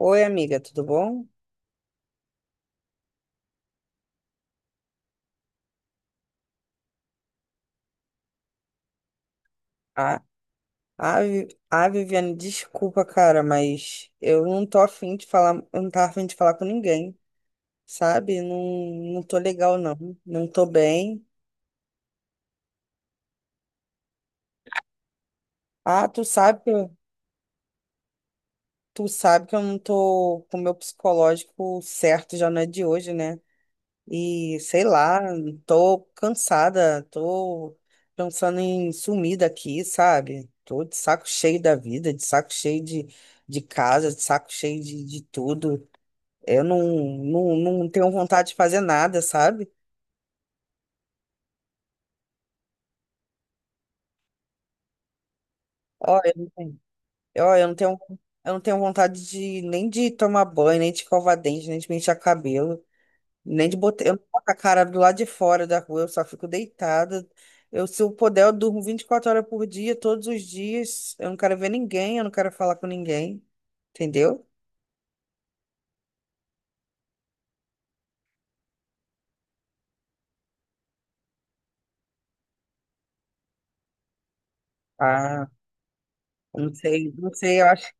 Oi, amiga, tudo bom? Ah, Viviane, desculpa, cara, mas eu não tô afim de falar, eu não tava afim de falar com ninguém, sabe? Não, não tô legal, não. Não tô bem. Ah, tu sabe que eu, tu sabe que eu não tô com o meu psicológico certo, já não é de hoje, né? E sei lá, tô cansada, tô pensando em sumir daqui, sabe? Tô de saco cheio da vida, de saco cheio de casa, de saco cheio de tudo. Eu não, não, não tenho vontade de fazer nada, sabe? Ó, eu não tenho, ó, eu não tenho, Eu não tenho vontade de nem de tomar banho, nem de escovar dente, nem de pentear cabelo, nem de botar, eu não boto a cara do lado de fora da rua, eu só fico deitada. Eu, se eu puder, eu durmo 24 horas por dia, todos os dias. Eu não quero ver ninguém, eu não quero falar com ninguém, entendeu? Ah, não sei, não sei, eu acho.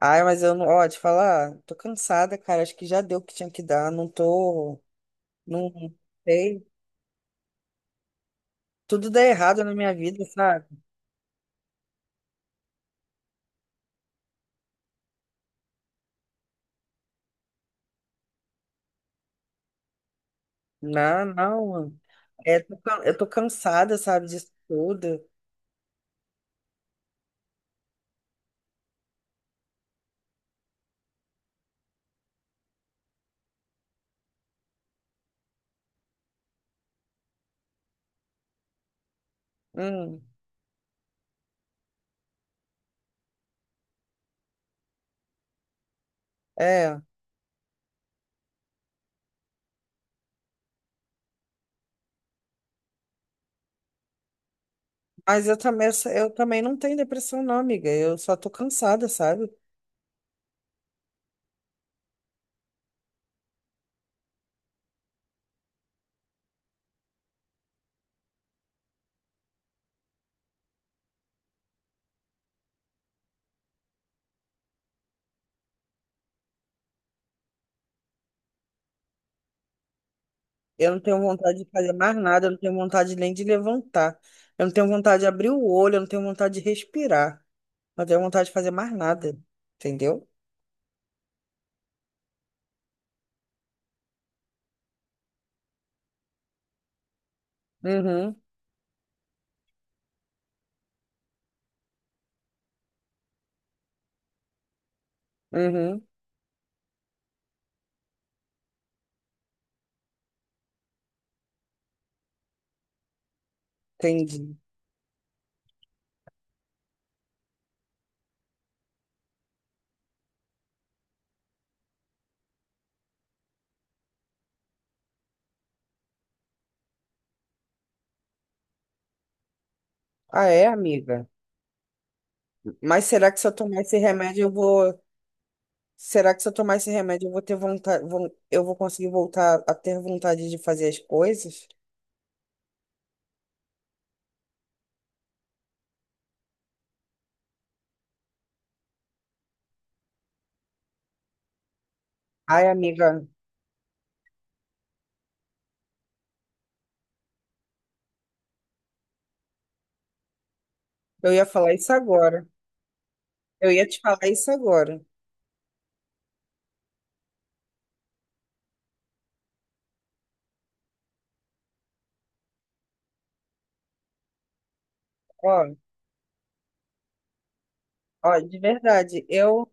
Ai, mas eu não, ó, te falar, tô cansada, cara, acho que já deu o que tinha que dar, não tô, não, sei. Tudo dá errado na minha vida, sabe? Não, não, mano. Eu tô cansada, sabe, disso tudo. Hum, é. Mas eu também, eu também não tenho depressão, não, amiga. Eu só tô cansada, sabe? Eu não tenho vontade de fazer mais nada, eu não tenho vontade nem de levantar. Eu não tenho vontade de abrir o olho, eu não tenho vontade de respirar. Eu não tenho vontade de fazer mais nada. Entendeu? Uhum, uhum, entendi. Ah, é, amiga? Mas será que se eu tomar esse remédio eu vou. Será que se eu tomar esse remédio eu vou ter vontade, eu vou conseguir voltar a ter vontade de fazer as coisas? Ai, amiga, eu ia falar isso agora. Eu ia te falar isso agora. Ó, ó, de verdade, eu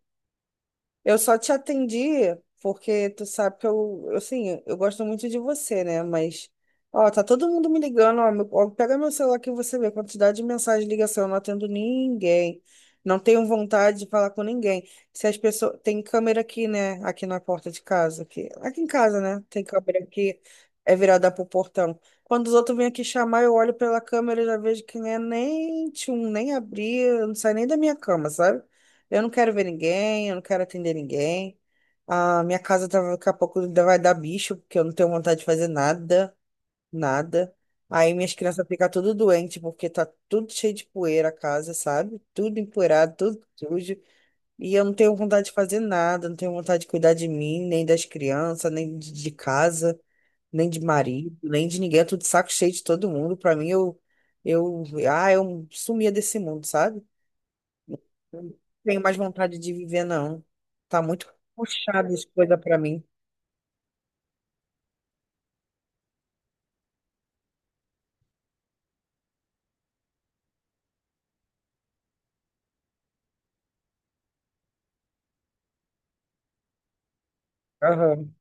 Eu só te atendi porque tu sabe que eu, assim, eu gosto muito de você, né? Mas, ó, tá todo mundo me ligando, ó, ó, pega meu celular que você vê a quantidade de mensagem ligação, eu não atendo ninguém. Não tenho vontade de falar com ninguém. Se as pessoas, tem câmera aqui, né? Aqui na porta de casa, aqui, aqui em casa, né? Tem câmera aqui, é virada pro portão. Quando os outros vêm aqui chamar, eu olho pela câmera e já vejo que não é nem tchum, nem abrir, não sai nem da minha cama, sabe? Eu não quero ver ninguém, eu não quero atender ninguém. A minha casa tá, daqui a pouco ainda vai dar bicho, porque eu não tenho vontade de fazer nada, nada. Aí minhas crianças ficam tudo doente, porque tá tudo cheio de poeira a casa, sabe? Tudo empoeirado, tudo sujo. E eu não tenho vontade de fazer nada, não tenho vontade de cuidar de mim, nem das crianças, nem de, de casa, nem de marido, nem de ninguém. É tudo saco cheio de todo mundo. Pra mim, eu, ah, eu sumia desse mundo, sabe? Eu não tenho mais vontade de viver, não. Tá muito puxado as coisas pra mim. Aham,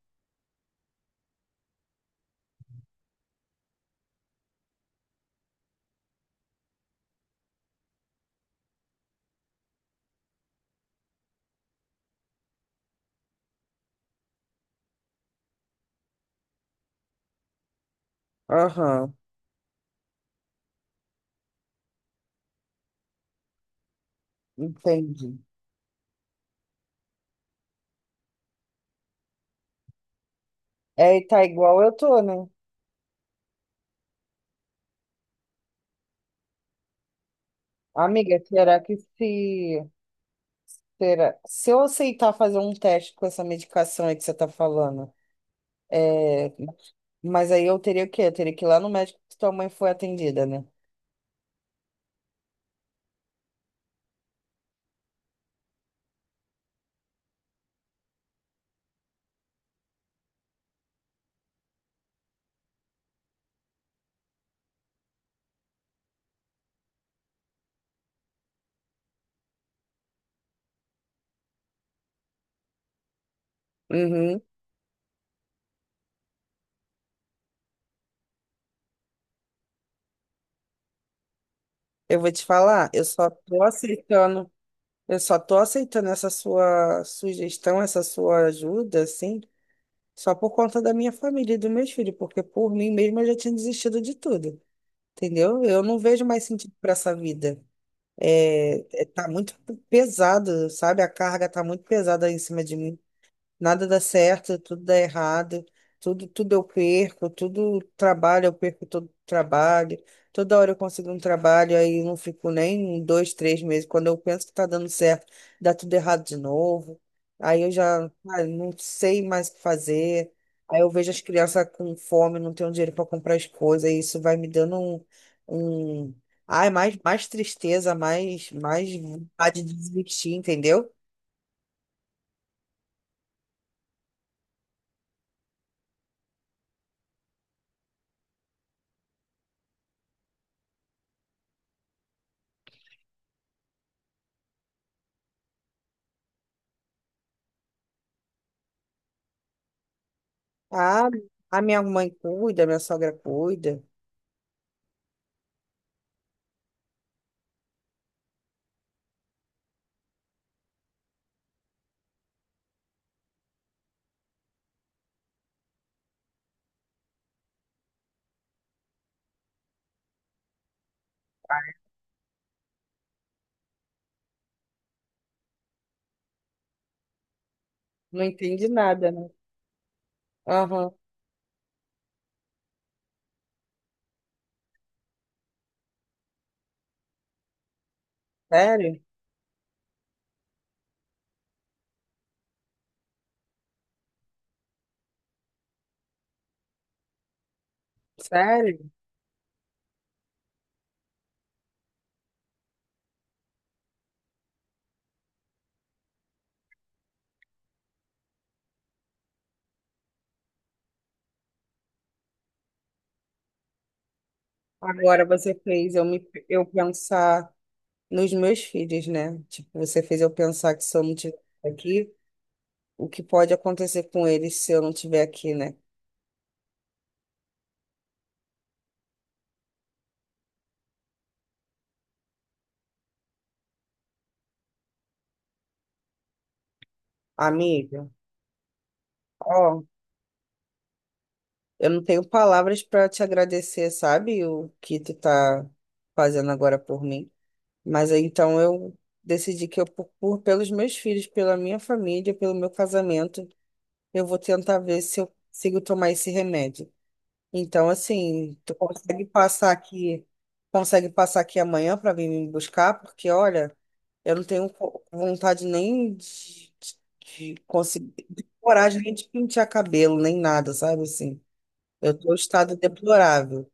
aham, entendi. É, e tá igual eu tô, né? Amiga, será que se. Será, se eu aceitar fazer um teste com essa medicação aí que você tá falando, é, mas aí eu teria o quê? Eu teria que ir lá no médico que tua mãe foi atendida, né? Uhum. Eu vou te falar, eu só tô aceitando, eu só tô aceitando essa sua sugestão, essa sua ajuda, assim. Só por conta da minha família e dos meus filhos, porque por mim mesma eu já tinha desistido de tudo, entendeu? Eu não vejo mais sentido para essa vida. Tá muito pesado, sabe? A carga tá muito pesada em cima de mim, nada dá certo, tudo dá errado, tudo, tudo eu perco, tudo trabalho, eu perco todo trabalho, toda hora eu consigo um trabalho, aí eu não fico nem um, dois, três meses. Quando eu penso que tá dando certo, dá tudo errado de novo. Aí eu já, ah, não sei mais o que fazer. Aí eu vejo as crianças com fome, não tenho dinheiro para comprar as coisas, e isso vai me dando um, um... Ai, mais tristeza, mais vontade de desistir, entendeu? Ah, a minha mãe cuida, minha sogra cuida. Não entende nada, né? Aham. Sério? Sério? Agora você fez eu pensar nos meus filhos, né? Tipo, você fez eu pensar que se eu não estiver aqui, o que pode acontecer com eles se eu não estiver aqui, né? Amiga, ó, eu não tenho palavras para te agradecer, sabe? O que tu tá fazendo agora por mim. Mas aí então eu decidi que eu, pelos meus filhos, pela minha família, pelo meu casamento, eu vou tentar ver se eu consigo tomar esse remédio. Então, assim, tu consegue passar aqui amanhã para vir me buscar, porque olha, eu não tenho co- vontade nem de, de conseguir, de coragem nem de pentear cabelo, nem nada, sabe assim. Eu tô em estado deplorável.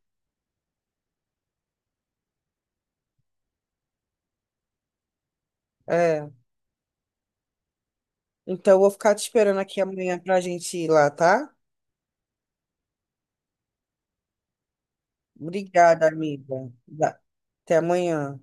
É. Então, eu vou ficar te esperando aqui amanhã pra gente ir lá, tá? Obrigada, amiga. Da- Até amanhã.